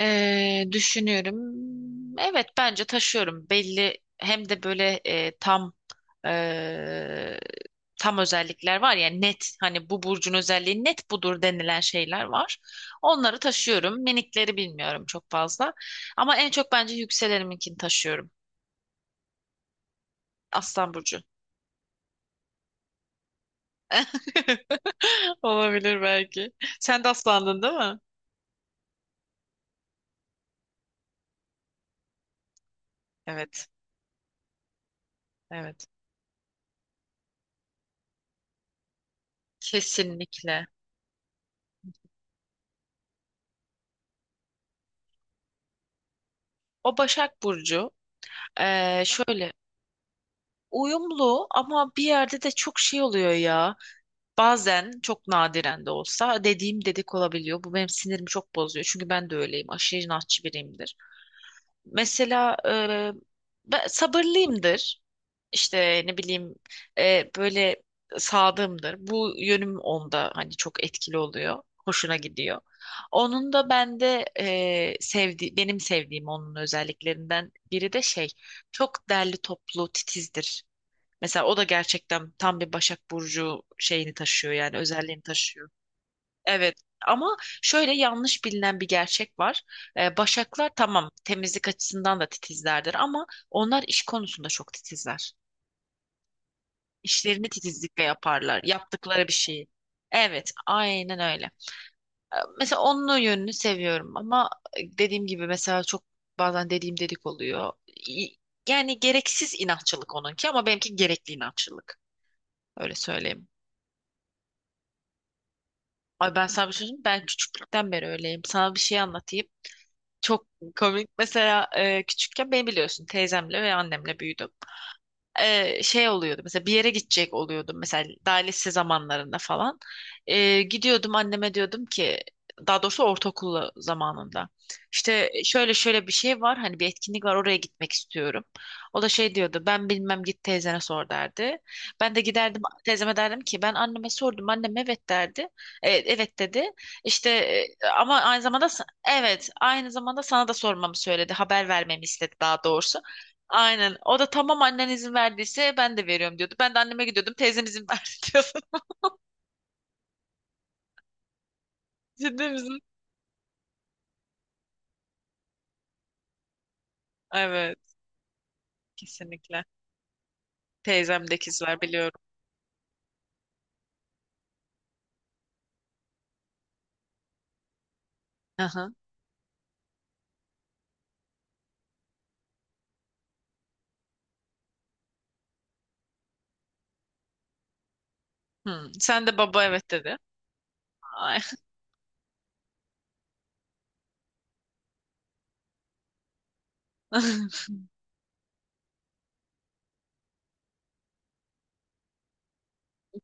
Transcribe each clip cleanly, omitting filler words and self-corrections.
Düşünüyorum. Evet bence taşıyorum. Belli hem de böyle e, tam özellikler var ya, net, hani bu burcun özelliği net budur denilen şeyler var. Onları taşıyorum. Minikleri bilmiyorum çok fazla. Ama en çok bence yükseleninkini taşıyorum. Aslan burcu. Olabilir belki. Sen de aslandın değil mi? Evet. Evet. Kesinlikle. O Başak Burcu. Şöyle, uyumlu ama bir yerde de çok şey oluyor ya. Bazen çok nadiren de olsa dediğim dedik olabiliyor. Bu benim sinirimi çok bozuyor. Çünkü ben de öyleyim. Aşırı inatçı biriyimdir. Mesela ben sabırlıyımdır. İşte ne bileyim, böyle sadığımdır. Bu yönüm onda hani çok etkili oluyor. Hoşuna gidiyor. Onun da bende benim sevdiğim onun özelliklerinden biri de şey, çok derli toplu titizdir. Mesela o da gerçekten tam bir Başak Burcu şeyini taşıyor, yani özelliğini taşıyor. Evet, ama şöyle yanlış bilinen bir gerçek var. Başaklar, tamam, temizlik açısından da titizlerdir ama onlar iş konusunda çok titizler. İşlerini titizlikle yaparlar. Yaptıkları bir şeyi. Evet, aynen öyle. Mesela onun o yönünü seviyorum ama dediğim gibi mesela çok, bazen dediğim dedik oluyor. İ- Yani gereksiz inatçılık onunki ama benimki gerekli inatçılık. Öyle söyleyeyim. Ay, ben sana bir şey söyleyeyim mi? Ben küçüklükten beri öyleyim. Sana bir şey anlatayım. Çok komik. Mesela küçükken beni biliyorsun, teyzemle ve annemle büyüdüm. Şey oluyordu, mesela bir yere gidecek oluyordum, mesela daha lise zamanlarında falan. Gidiyordum anneme diyordum ki, daha doğrusu ortaokul zamanında, işte şöyle şöyle bir şey var, hani bir etkinlik var, oraya gitmek istiyorum. O da şey diyordu, ben bilmem, git teyzene sor, derdi. Ben de giderdim teyzeme, derdim ki ben anneme sordum, annem evet derdi. Evet dedi, işte, ama aynı zamanda evet, aynı zamanda sana da sormamı söyledi, haber vermemi istedi daha doğrusu. Aynen. O da, tamam annen izin verdiyse ben de veriyorum, diyordu. Ben de anneme gidiyordum. Teyzem izin verdi, diyordu. Ciddi misin? Evet. Kesinlikle. Teyzemde ikizler, biliyorum. Aha. Hmm. Sen de, baba evet dedi. Ay.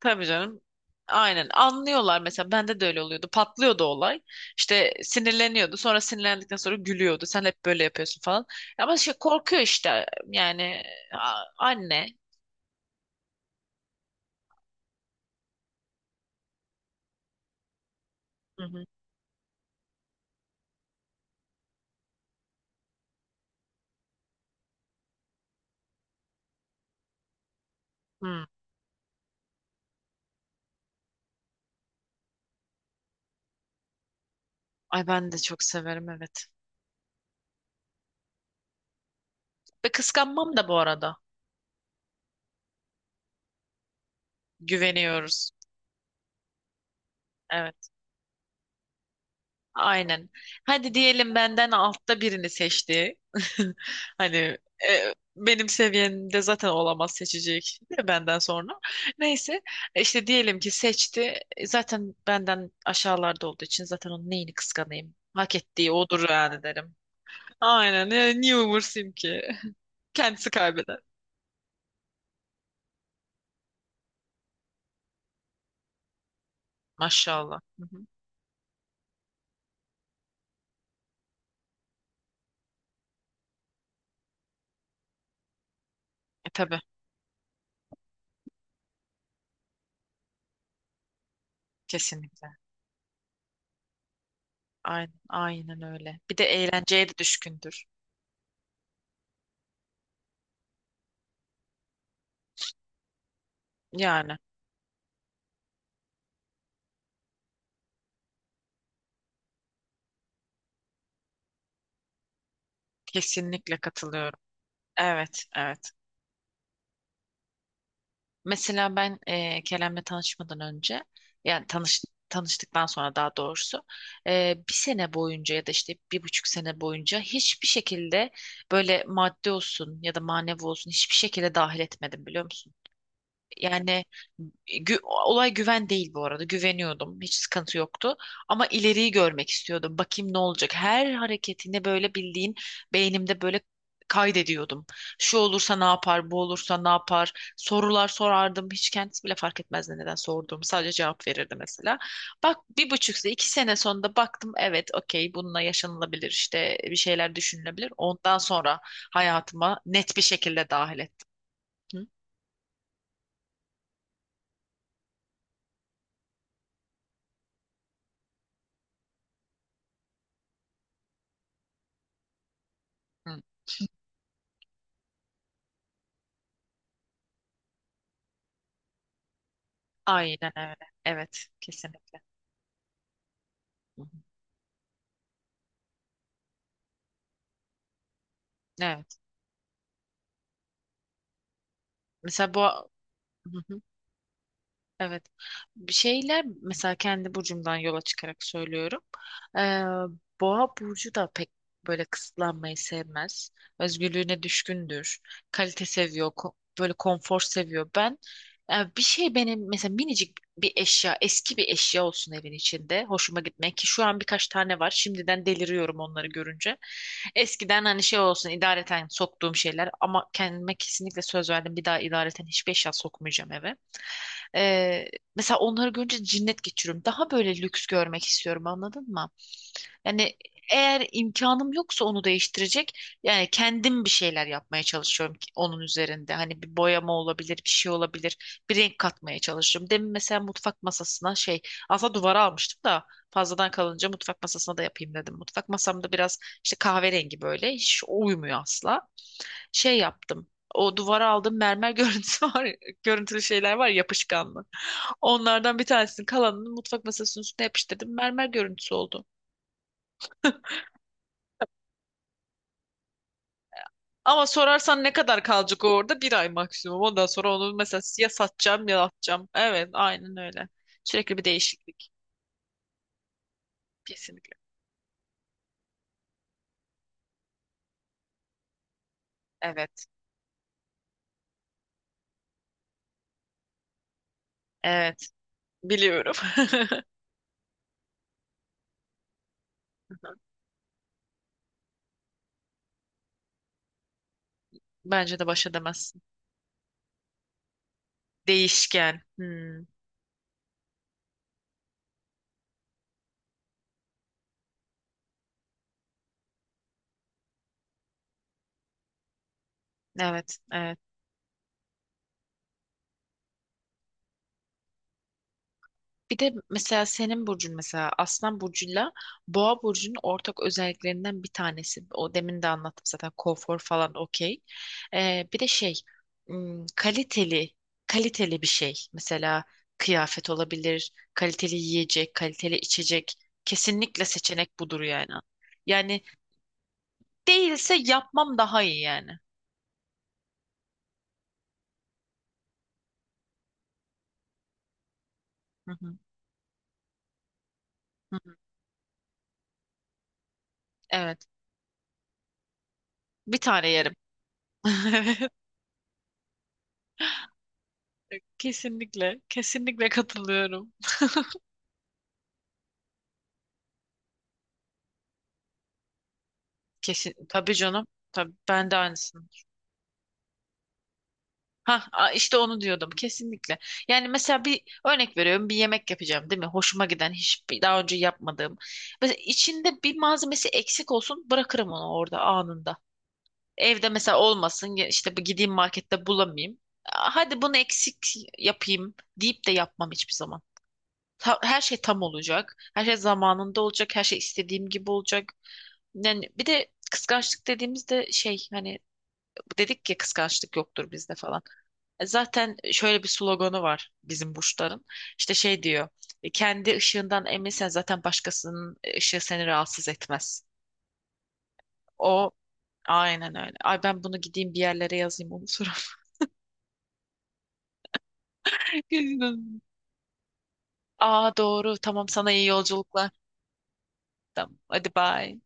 Tabii canım. Aynen, anlıyorlar. Mesela bende de öyle oluyordu, patlıyordu olay. İşte sinirleniyordu, sonra sinirlendikten sonra gülüyordu, sen hep böyle yapıyorsun falan. Ama şey, korkuyor işte, yani anne. Hı hı. Hı. Ay ben de çok severim, evet. Ve kıskanmam da bu arada. Güveniyoruz. Evet, aynen. Hadi diyelim benden altta birini seçti. Hani, benim seviyemde zaten olamaz, seçecek de benden sonra. Neyse, işte diyelim ki seçti. Zaten benden aşağılarda olduğu için zaten onun neyini kıskanayım? Hak ettiği odur, yani, derim. Aynen. Niye umursayım ki? Kendisi kaybeder. Maşallah. Hı hı. Tabii. Kesinlikle. Aynen, aynen öyle. Bir de eğlenceye de düşkündür. Yani. Kesinlikle katılıyorum. Evet, evet. Mesela ben Kerem'le tanışmadan önce, yani tanıştıktan sonra daha doğrusu, bir sene boyunca ya da işte bir buçuk sene boyunca hiçbir şekilde, böyle maddi olsun ya da manevi olsun, hiçbir şekilde dahil etmedim, biliyor musun? Yani olay güven değil bu arada. Güveniyordum. Hiç sıkıntı yoktu. Ama ileriyi görmek istiyordum. Bakayım ne olacak. Her hareketini böyle, bildiğin, beynimde böyle kaydediyordum. Şu olursa ne yapar, bu olursa ne yapar. Sorular sorardım. Hiç kendisi bile fark etmezdi neden sorduğumu. Sadece cevap verirdi mesela. Bak, bir buçuk sene, iki sene sonunda baktım. Evet, okey, bununla yaşanılabilir, işte bir şeyler düşünülebilir. Ondan sonra hayatıma net bir şekilde dahil ettim. Hı? Hı. Aynen öyle. Evet, kesinlikle. Hı hı. Evet. Mesela bu. Hı hı. Evet. Bir şeyler mesela kendi burcumdan yola çıkarak söylüyorum. Ee, Boğa burcu da pek böyle kısıtlanmayı sevmez. Özgürlüğüne düşkündür. Kalite seviyor. Böyle konfor seviyor. Ben bir şey, benim mesela minicik bir eşya, eski bir eşya olsun evin içinde. Hoşuma gitmek, ki şu an birkaç tane var. Şimdiden deliriyorum onları görünce. Eskiden hani şey olsun, idareten soktuğum şeyler, ama kendime kesinlikle söz verdim. Bir daha idareten hiçbir eşya sokmayacağım eve. Ee, Mesela onları görünce cinnet geçiriyorum. Daha böyle lüks görmek istiyorum, anladın mı? Yani eğer imkanım yoksa onu değiştirecek, yani kendim bir şeyler yapmaya çalışıyorum ki onun üzerinde. Hani bir boyama olabilir, bir şey olabilir. Bir renk katmaya çalışıyorum. Demin mesela mutfak masasına şey, aslında duvara almıştım da fazladan kalınca mutfak masasına da yapayım dedim. Mutfak masamda biraz işte kahverengi, böyle hiç uymuyor asla. Şey yaptım. O duvara aldığım mermer görüntüsü var, görüntülü şeyler var, yapışkanlı. Onlardan bir tanesini, kalanını mutfak masasının üstüne yapıştırdım. Mermer görüntüsü oldu. Ama sorarsan ne kadar kalacak o orada? Bir ay maksimum. Ondan sonra onu mesela ya satacağım ya atacağım. Evet, aynen öyle. Sürekli bir değişiklik. Kesinlikle. Evet. Evet. Biliyorum. Bence de baş edemezsin. Değişken. Hmm. Evet. Evet. Bir de mesela senin burcun, mesela Aslan burcuyla Boğa burcunun ortak özelliklerinden bir tanesi. O demin de anlattım zaten, konfor falan, okey. Bir de şey, kaliteli, kaliteli bir şey. Mesela kıyafet olabilir, kaliteli yiyecek, kaliteli içecek. Kesinlikle seçenek budur yani. Yani değilse yapmam daha iyi yani. Hı hı, hı hı. Evet. Bir tane yerim. Evet. Kesinlikle. Kesinlikle katılıyorum. Kesin, tabii canım. Tabii, ben de aynısını. Ha, işte onu diyordum, kesinlikle. Yani mesela bir örnek veriyorum, bir yemek yapacağım değil mi? Hoşuma giden, hiçbir daha önce yapmadığım. Mesela içinde bir malzemesi eksik olsun, bırakırım onu orada anında. Evde mesela olmasın ya, işte bu, gideyim markette bulamayayım. Aa, hadi bunu eksik yapayım deyip de yapmam hiçbir zaman. Her şey tam olacak. Her şey zamanında olacak. Her şey istediğim gibi olacak. Yani bir de kıskançlık dediğimizde şey, hani dedik ya, kıskançlık yoktur bizde falan. Zaten şöyle bir sloganı var bizim burçların. İşte şey diyor. Kendi ışığından eminsen zaten başkasının ışığı seni rahatsız etmez. O aynen öyle. Ay, ben bunu gideyim bir yerlere yazayım, onu unuturum. Aa, doğru. Tamam, sana iyi yolculuklar. Tamam. Hadi, bye.